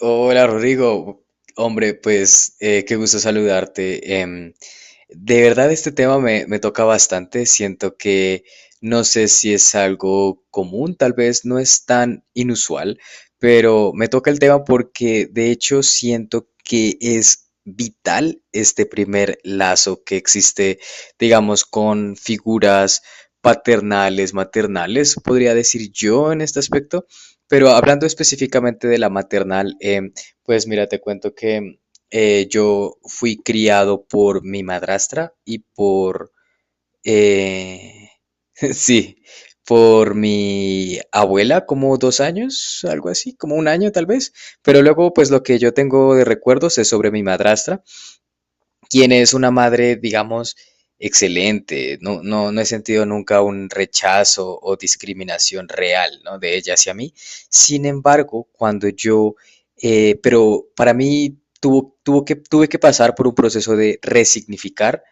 Hola Rodrigo, hombre, pues qué gusto saludarte. De verdad, este tema me toca bastante. Siento que no sé si es algo común, tal vez no es tan inusual, pero me toca el tema porque de hecho siento que es vital este primer lazo que existe, digamos, con figuras paternales, maternales, podría decir yo en este aspecto. Pero hablando específicamente de la maternal, pues mira, te cuento que yo fui criado por mi madrastra y por, eh, sí, por mi abuela, como 2 años, algo así, como un año tal vez. Pero luego, pues lo que yo tengo de recuerdos es sobre mi madrastra, quien es una madre, digamos, excelente. No, no, no he sentido nunca un rechazo o discriminación real, ¿no? De ella hacia mí. Sin embargo, cuando yo, pero para mí tuve que pasar por un proceso de resignificar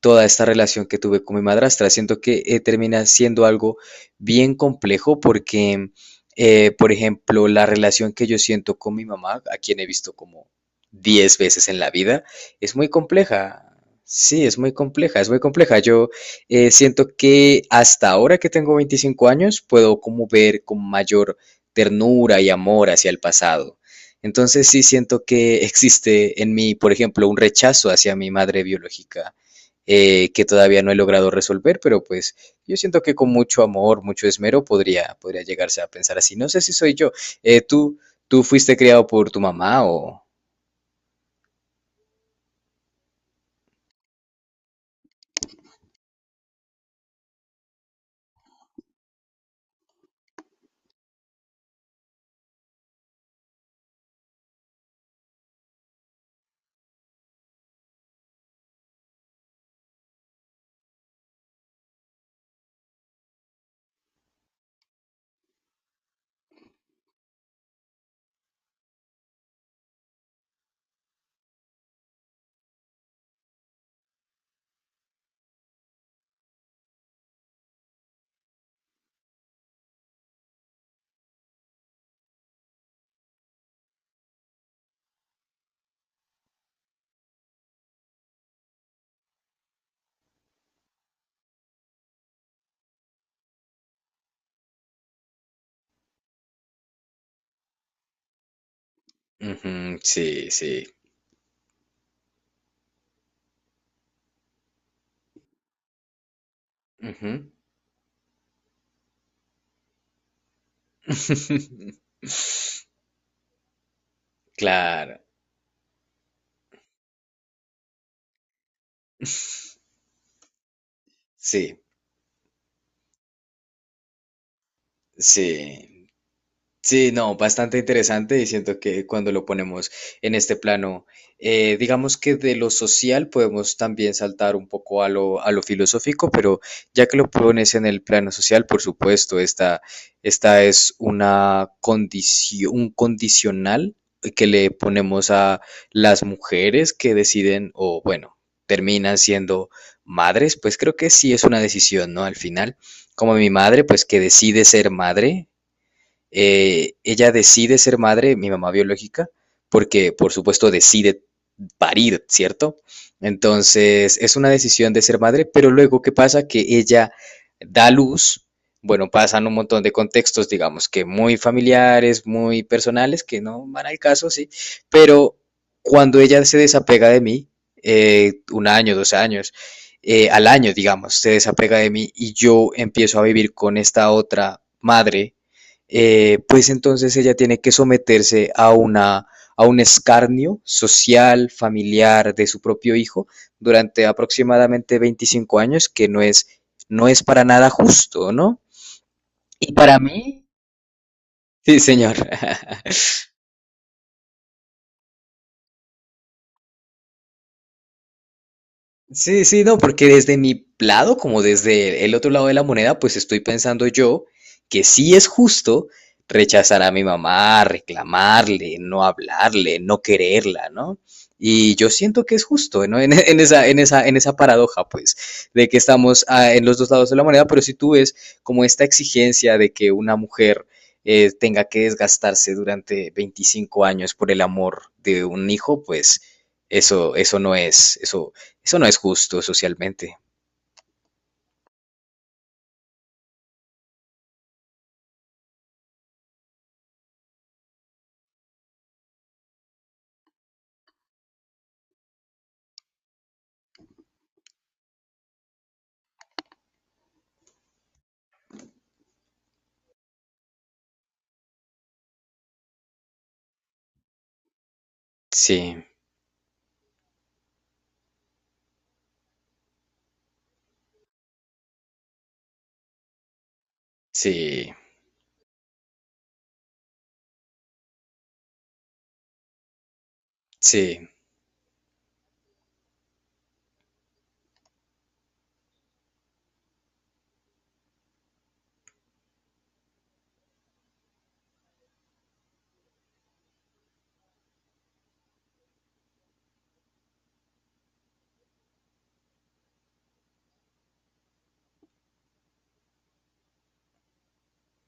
toda esta relación que tuve con mi madrastra. Siento que termina siendo algo bien complejo porque, por ejemplo, la relación que yo siento con mi mamá, a quien he visto como 10 veces en la vida, es muy compleja. Sí, es muy compleja, es muy compleja. Yo siento que hasta ahora que tengo 25 años puedo como ver con mayor ternura y amor hacia el pasado. Entonces sí siento que existe en mí, por ejemplo, un rechazo hacia mi madre biológica que todavía no he logrado resolver, pero pues yo siento que con mucho amor, mucho esmero podría llegarse a pensar así. No sé si soy yo. Eh, ¿tú, tú fuiste criado por tu mamá o...? Ujú, sí, sí. Ujú. Claro, sí, sí. Sí, no, bastante interesante y siento que cuando lo ponemos en este plano, digamos que de lo social podemos también saltar un poco a lo, filosófico, pero ya que lo pones en el plano social, por supuesto, esta es una condición, un condicional que le ponemos a las mujeres que deciden o bueno, terminan siendo madres, pues creo que sí es una decisión, ¿no? Al final, como mi madre, pues que decide ser madre ella decide ser madre, mi mamá biológica, porque por supuesto decide parir, ¿cierto? Entonces es una decisión de ser madre, pero luego ¿qué pasa? Que ella da luz, bueno, pasan un montón de contextos, digamos que muy familiares, muy personales, que no van al caso, sí, pero cuando ella se desapega de mí, un año, 2 años, al año, digamos, se desapega de mí y yo empiezo a vivir con esta otra madre pues entonces ella tiene que someterse a un escarnio social, familiar de su propio hijo durante aproximadamente 25 años, que no es para nada justo, ¿no? Y para mí, sí, señor. Sí, sí, no, porque desde mi lado, como desde el otro lado de la moneda, pues estoy pensando yo que sí es justo rechazar a mi mamá, reclamarle, no hablarle, no quererla, ¿no? Y yo siento que es justo, ¿no? En esa paradoja, pues, de que estamos en los dos lados de la moneda, pero si tú ves como esta exigencia de que una mujer tenga que desgastarse durante 25 años por el amor de un hijo, pues eso no es, eso no es justo socialmente. Sí, sí, sí.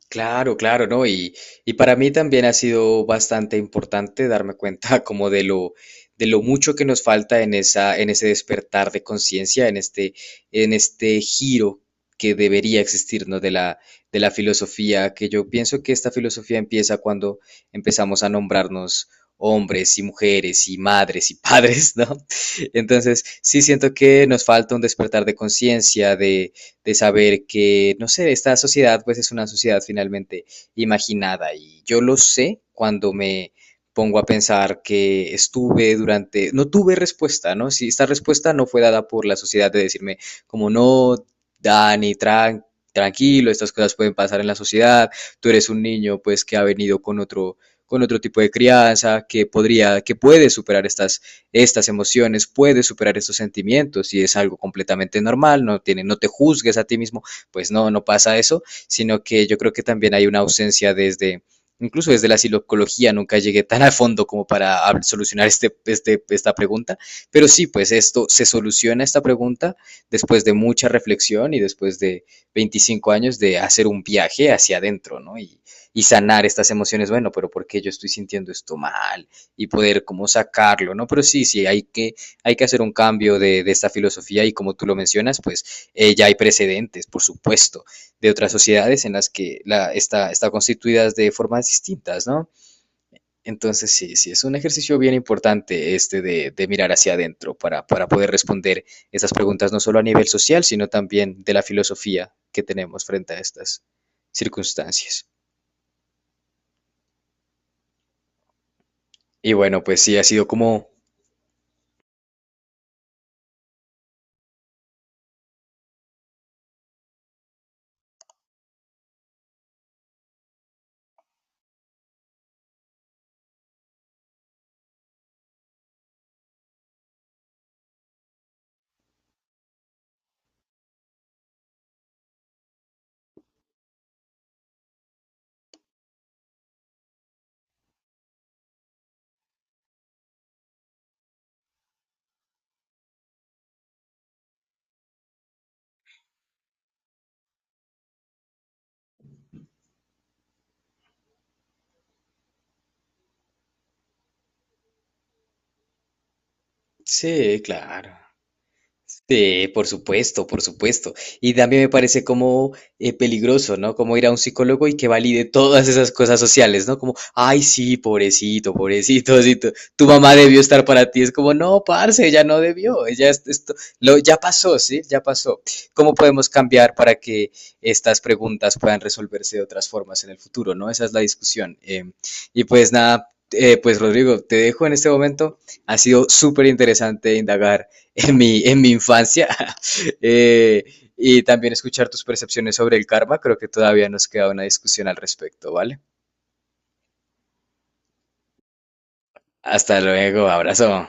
Claro, claro, ¿no? Y para mí también ha sido bastante importante darme cuenta como de lo, mucho que nos falta en en ese despertar de conciencia, en este giro que debería existir, ¿no? De la filosofía, que yo pienso que esta filosofía empieza cuando empezamos a nombrarnos hombres y mujeres y madres y padres, ¿no? Entonces, sí siento que nos falta un despertar de conciencia, de saber que, no sé, esta sociedad pues es una sociedad finalmente imaginada y yo lo sé cuando me pongo a pensar que estuve durante, no tuve respuesta, ¿no? Si esta respuesta no fue dada por la sociedad de decirme como no, Dani, tranquilo, estas cosas pueden pasar en la sociedad, tú eres un niño pues que ha venido con otro tipo de crianza, que podría, que puede superar estas emociones, puedes superar estos sentimientos y es algo completamente normal, no, tiene, no te juzgues a ti mismo, pues no, no pasa eso, sino que yo creo que también hay una ausencia desde incluso desde la psicología nunca llegué tan a fondo como para solucionar esta pregunta, pero sí, pues esto se soluciona esta pregunta después de mucha reflexión y después de 25 años de hacer un viaje hacia adentro, ¿no? Y sanar estas emociones, bueno, pero ¿por qué yo estoy sintiendo esto mal? Y poder como sacarlo, ¿no? Pero sí, sí, hay que, hacer un cambio de esta filosofía y como tú lo mencionas, pues ya hay precedentes, por supuesto, de otras sociedades en las que está constituidas de formas distintas, ¿no? Entonces sí, sí, es un ejercicio bien importante este de, mirar hacia adentro para poder responder esas preguntas no solo a nivel social, sino también de la filosofía que tenemos frente a estas circunstancias. Y bueno, pues sí, ha sido como... Sí, claro. Sí, por supuesto, por supuesto. Y también me parece como peligroso, ¿no? Como ir a un psicólogo y que valide todas esas cosas sociales, ¿no? Como, ay, sí, pobrecito, pobrecito, sí, tu, mamá debió estar para ti. Es como, no, parce, ella no debió, ella esto, lo, ya pasó, ¿sí? Ya pasó. ¿Cómo podemos cambiar para que estas preguntas puedan resolverse de otras formas en el futuro, ¿no? Esa es la discusión. Y pues nada, pues Rodrigo, te dejo en este momento. Ha sido súper interesante indagar en mi, infancia. Eh, y también escuchar tus percepciones sobre el karma. Creo que todavía nos queda una discusión al respecto, ¿vale? Hasta luego, abrazo.